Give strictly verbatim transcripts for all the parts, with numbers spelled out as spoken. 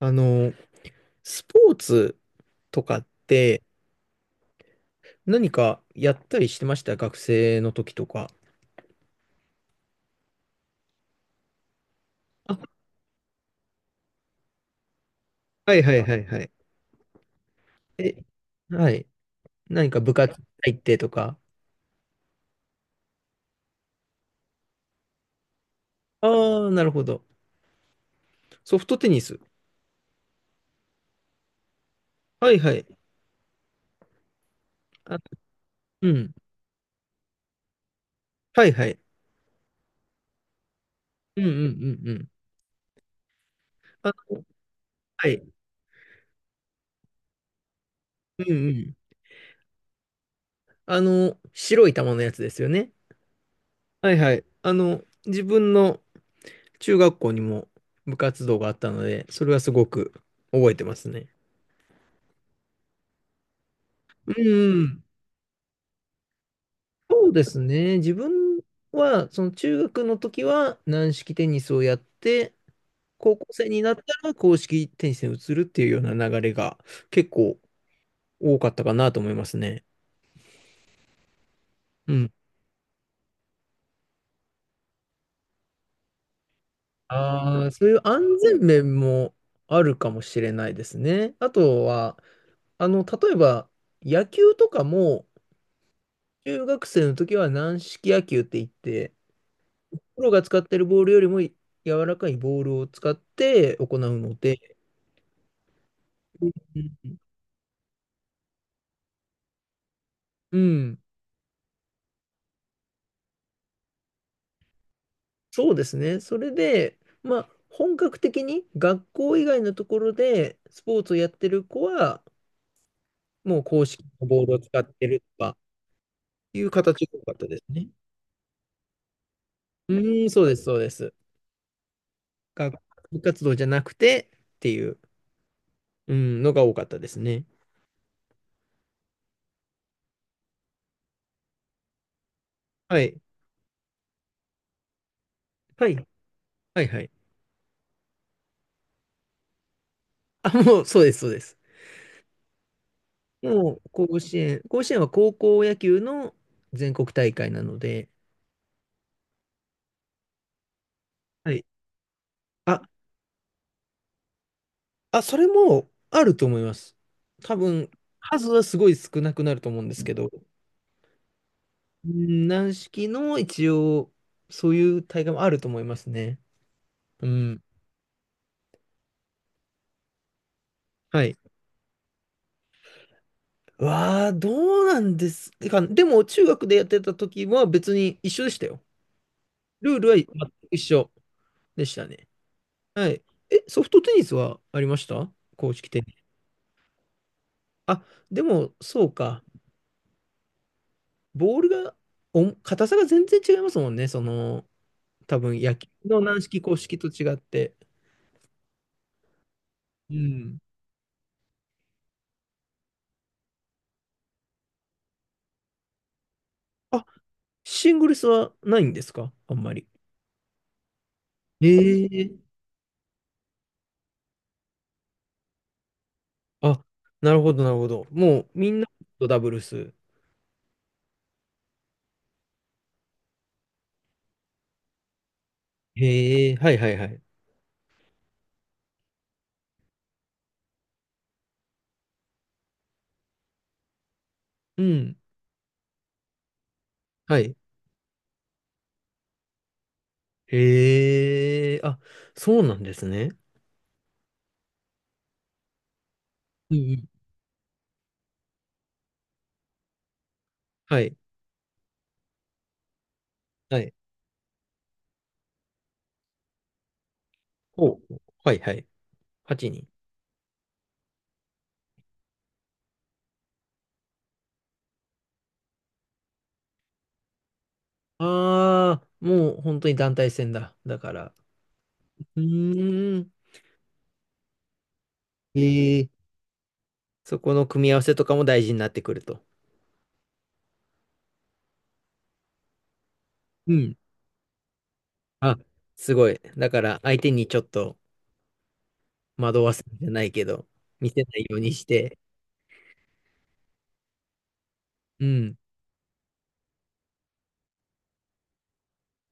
あの、スポーツとかって何かやったりしてました学生の時とか。あはいはいはいはい。え、はい。何か部活入ってとか。ああ、なるほど。ソフトテニス。はいはい。あ、うん。はいはい。うんうんうんうん。あの、はい。うんうん。あの、白い球のやつですよね。はいはい。あの、自分の中学校にも部活動があったので、それはすごく覚えてますね。うんうん。そうですね。自分は、その中学の時は軟式テニスをやって、高校生になったら硬式テニスに移るっていうような流れが結構多かったかなと思いますね。うん。ああ、そういう安全面もあるかもしれないですね。あとは、あの、例えば野球とかも、中学生の時は軟式野球って言って、プロが使ってるボールよりも柔らかいボールを使って行うので、うん、うんそうですね。それで、まあ、本格的に学校以外のところでスポーツをやってる子は、もう公式のボールを使ってるとかいう形が多かったですね。うーん、そうです、そうです。学部活動じゃなくてっていう、うん、のが多かったですね。はい。はい。はい、はい。あ、もう、そうです、そうです。もう、甲子園。甲子園は高校野球の全国大会なので、はい。あ、あ、それもあると思います。多分、数はすごい少なくなると思うんですけど、うん軟式の一応、そういう大会もあると思いますね。うん。はい。わあ、どうなんですか。でも、中学でやってた時は別に一緒でしたよ。ルールは全く一緒でしたね。はい。え、ソフトテニスはありました公式テニス。あ、でも、そうか。ボールが、お、硬さが全然違いますもんね。その、多分野球の軟式硬式と違って。うんあシングルスはないんですかあんまり。ええあ、なるほど、なるほど。もうみんなとダブルス。へえ、はいはいはい。うん。はい。へえ、あ、そうなんですね。うんうん。はい。はい。ほう。はいはい。はちにん。ああ、もう本当に団体戦だ。だから。うーん。へえ、そこの組み合わせとかも大事になってくると。うんあ、すごい。だから相手にちょっと惑わすんじゃないけど、見せないようにして。うん。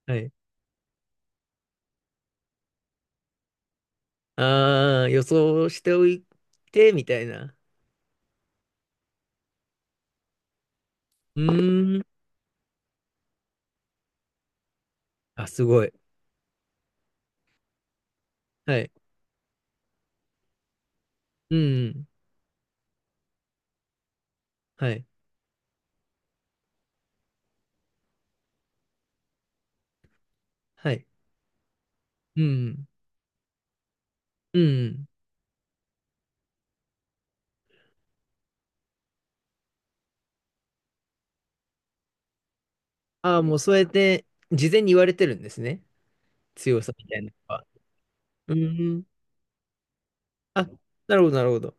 はい。ああ、予想しておいて、みたいな。うーん。あ、すごい。はい。うん。はい。はい。うん。うん。ああ、もうそうやって事前に言われてるんですね。強さみたいなのは。うーん。あ、なるほど、なるほど。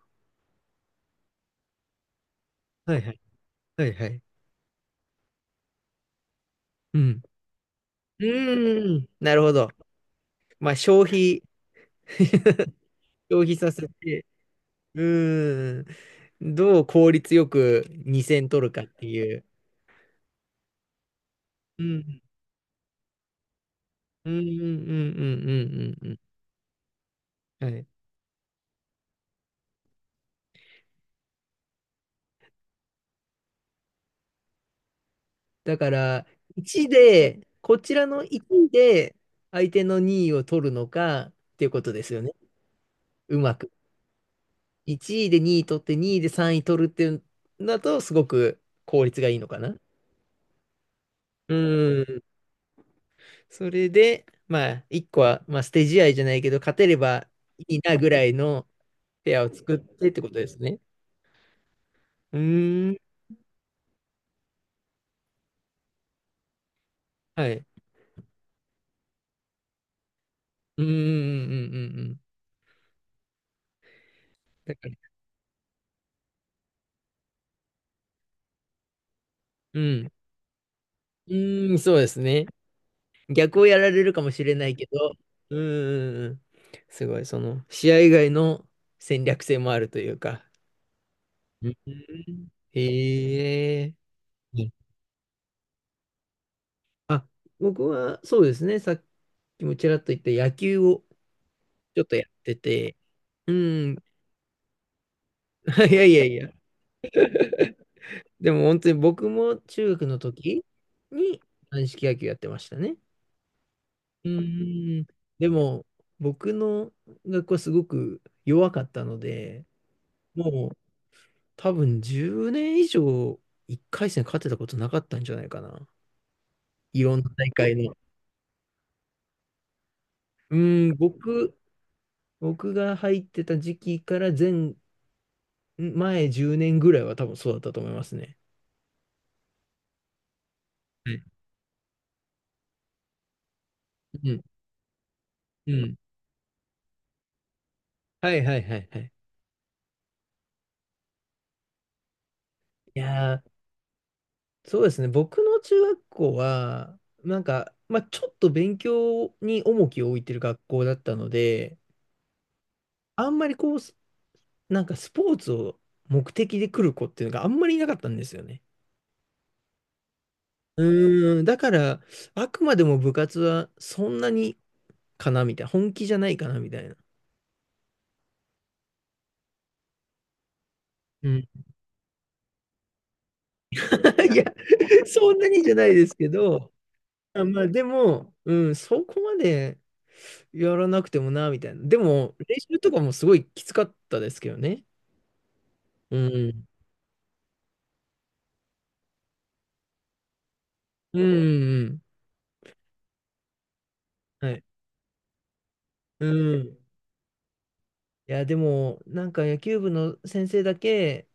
はいはい。はいはい。うん。うーん。なるほど。まあ、消費 消費させて。うーん。どう効率よくにせん戦取るかっていう。うん。うんうんうんうんうんうんうん。はい。だから、いちで、こちらのいちで相手のにいを取るのかっていうことですよね。うまく。いちいでにい取ってにいでさんい取るっていうんだとすごく効率がいいのかな。うん。それで、まあ、いっこは、まあ、捨て試合じゃないけど、勝てればいいなぐらいのペアを作ってってことですね。うーん。はい。うんうんうんうんうんうん。だから、うん。うーん、そうですね。逆をやられるかもしれないけど、うんうんうんうん。すごい、その、試合以外の戦略性もあるというか。うん。へえ。うんあ、僕はそうですね。さっきもちらっと言った野球をちょっとやってて、うん。いやいやいや。でも本当に僕も中学の時に軟式野球やってましたね。うーん、でも、僕の学校はすごく弱かったので、もう多分じゅうねん以上いっかいせん戦勝てたことなかったんじゃないかな。いろんな大会の。うーん、僕、僕が入ってた時期から前、前じゅうねんぐらいは多分そうだったと思いますね。はいうん、うん。はいはいはいはい。いやー、そうですね。僕の中学校は、なんか、まあ、ちょっと勉強に重きを置いてる学校だったので、あんまりこう、すなんかスポーツを目的で来る子っていうのがあんまりいなかったんですよね。うーん、だから、あくまでも部活はそんなにかなみたいな、本気じゃないかなみたいな。うん。いや、そんなにじゃないですけど、あ、まあでも、うん、そこまでやらなくてもな、みたいな。でも、練習とかもすごいきつかったですけどね。うん。うんうんうん。はい。うん。いや、でも、なんか野球部の先生だけ、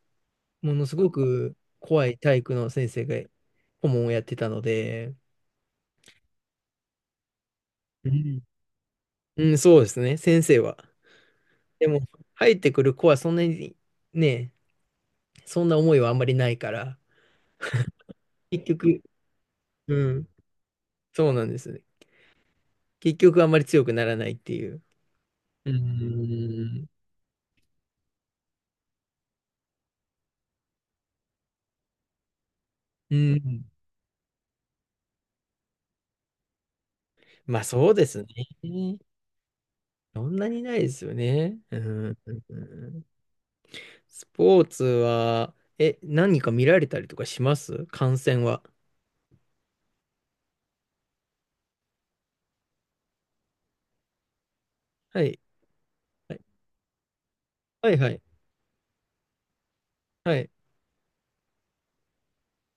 ものすごく怖い体育の先生が顧問をやってたので、うん。うん、そうですね、先生は。でも、入ってくる子はそんなにね、そんな思いはあんまりないから、結局、うん、そうなんですね。結局あんまり強くならないっていう。うん、うん、まあそうですね。そんなにないですよね。うん、スポーツは、え、何か見られたりとかします観戦は。はい。はい、はいはい。はい。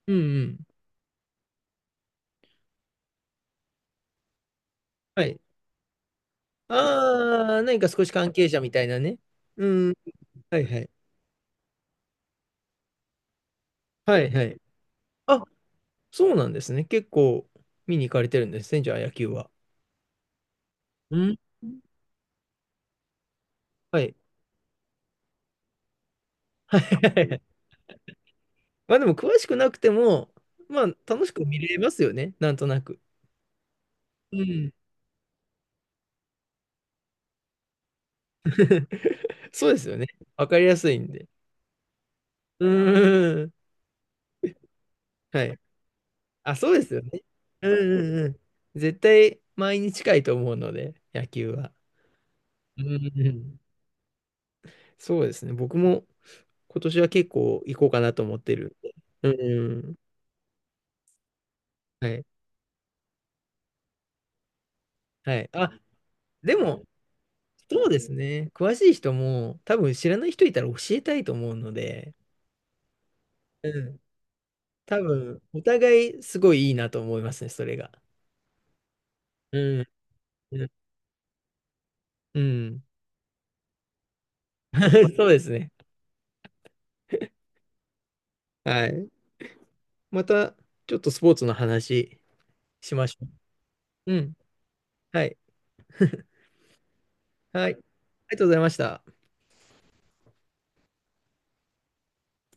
うんうん。はい。ああ、何か少し関係者みたいなね。うん。はいはい。はいはい。あ、そうなんですね。結構見に行かれてるんですね、じゃあ野球は。うん。はい。はいはいはいまあでも詳しくなくても、まあ楽しく見れますよね、なんとなく。うん。そうですよね。わかりやすいんで。うん。はい。あ、そうですよね。うんうんうん。絶対毎日近いと思うので、野球は。うんうん。そうですね。僕も今年は結構行こうかなと思ってるんで。うん。はい。はい。あ、でも、そうですね。詳しい人も多分知らない人いたら教えたいと思うので、うん。多分、お互いすごいいいなと思いますね、それが。うん。うん。うん そうですね。はい。また、ちょっとスポーツの話しましょう。うん。はい。はい。ありがとうございました。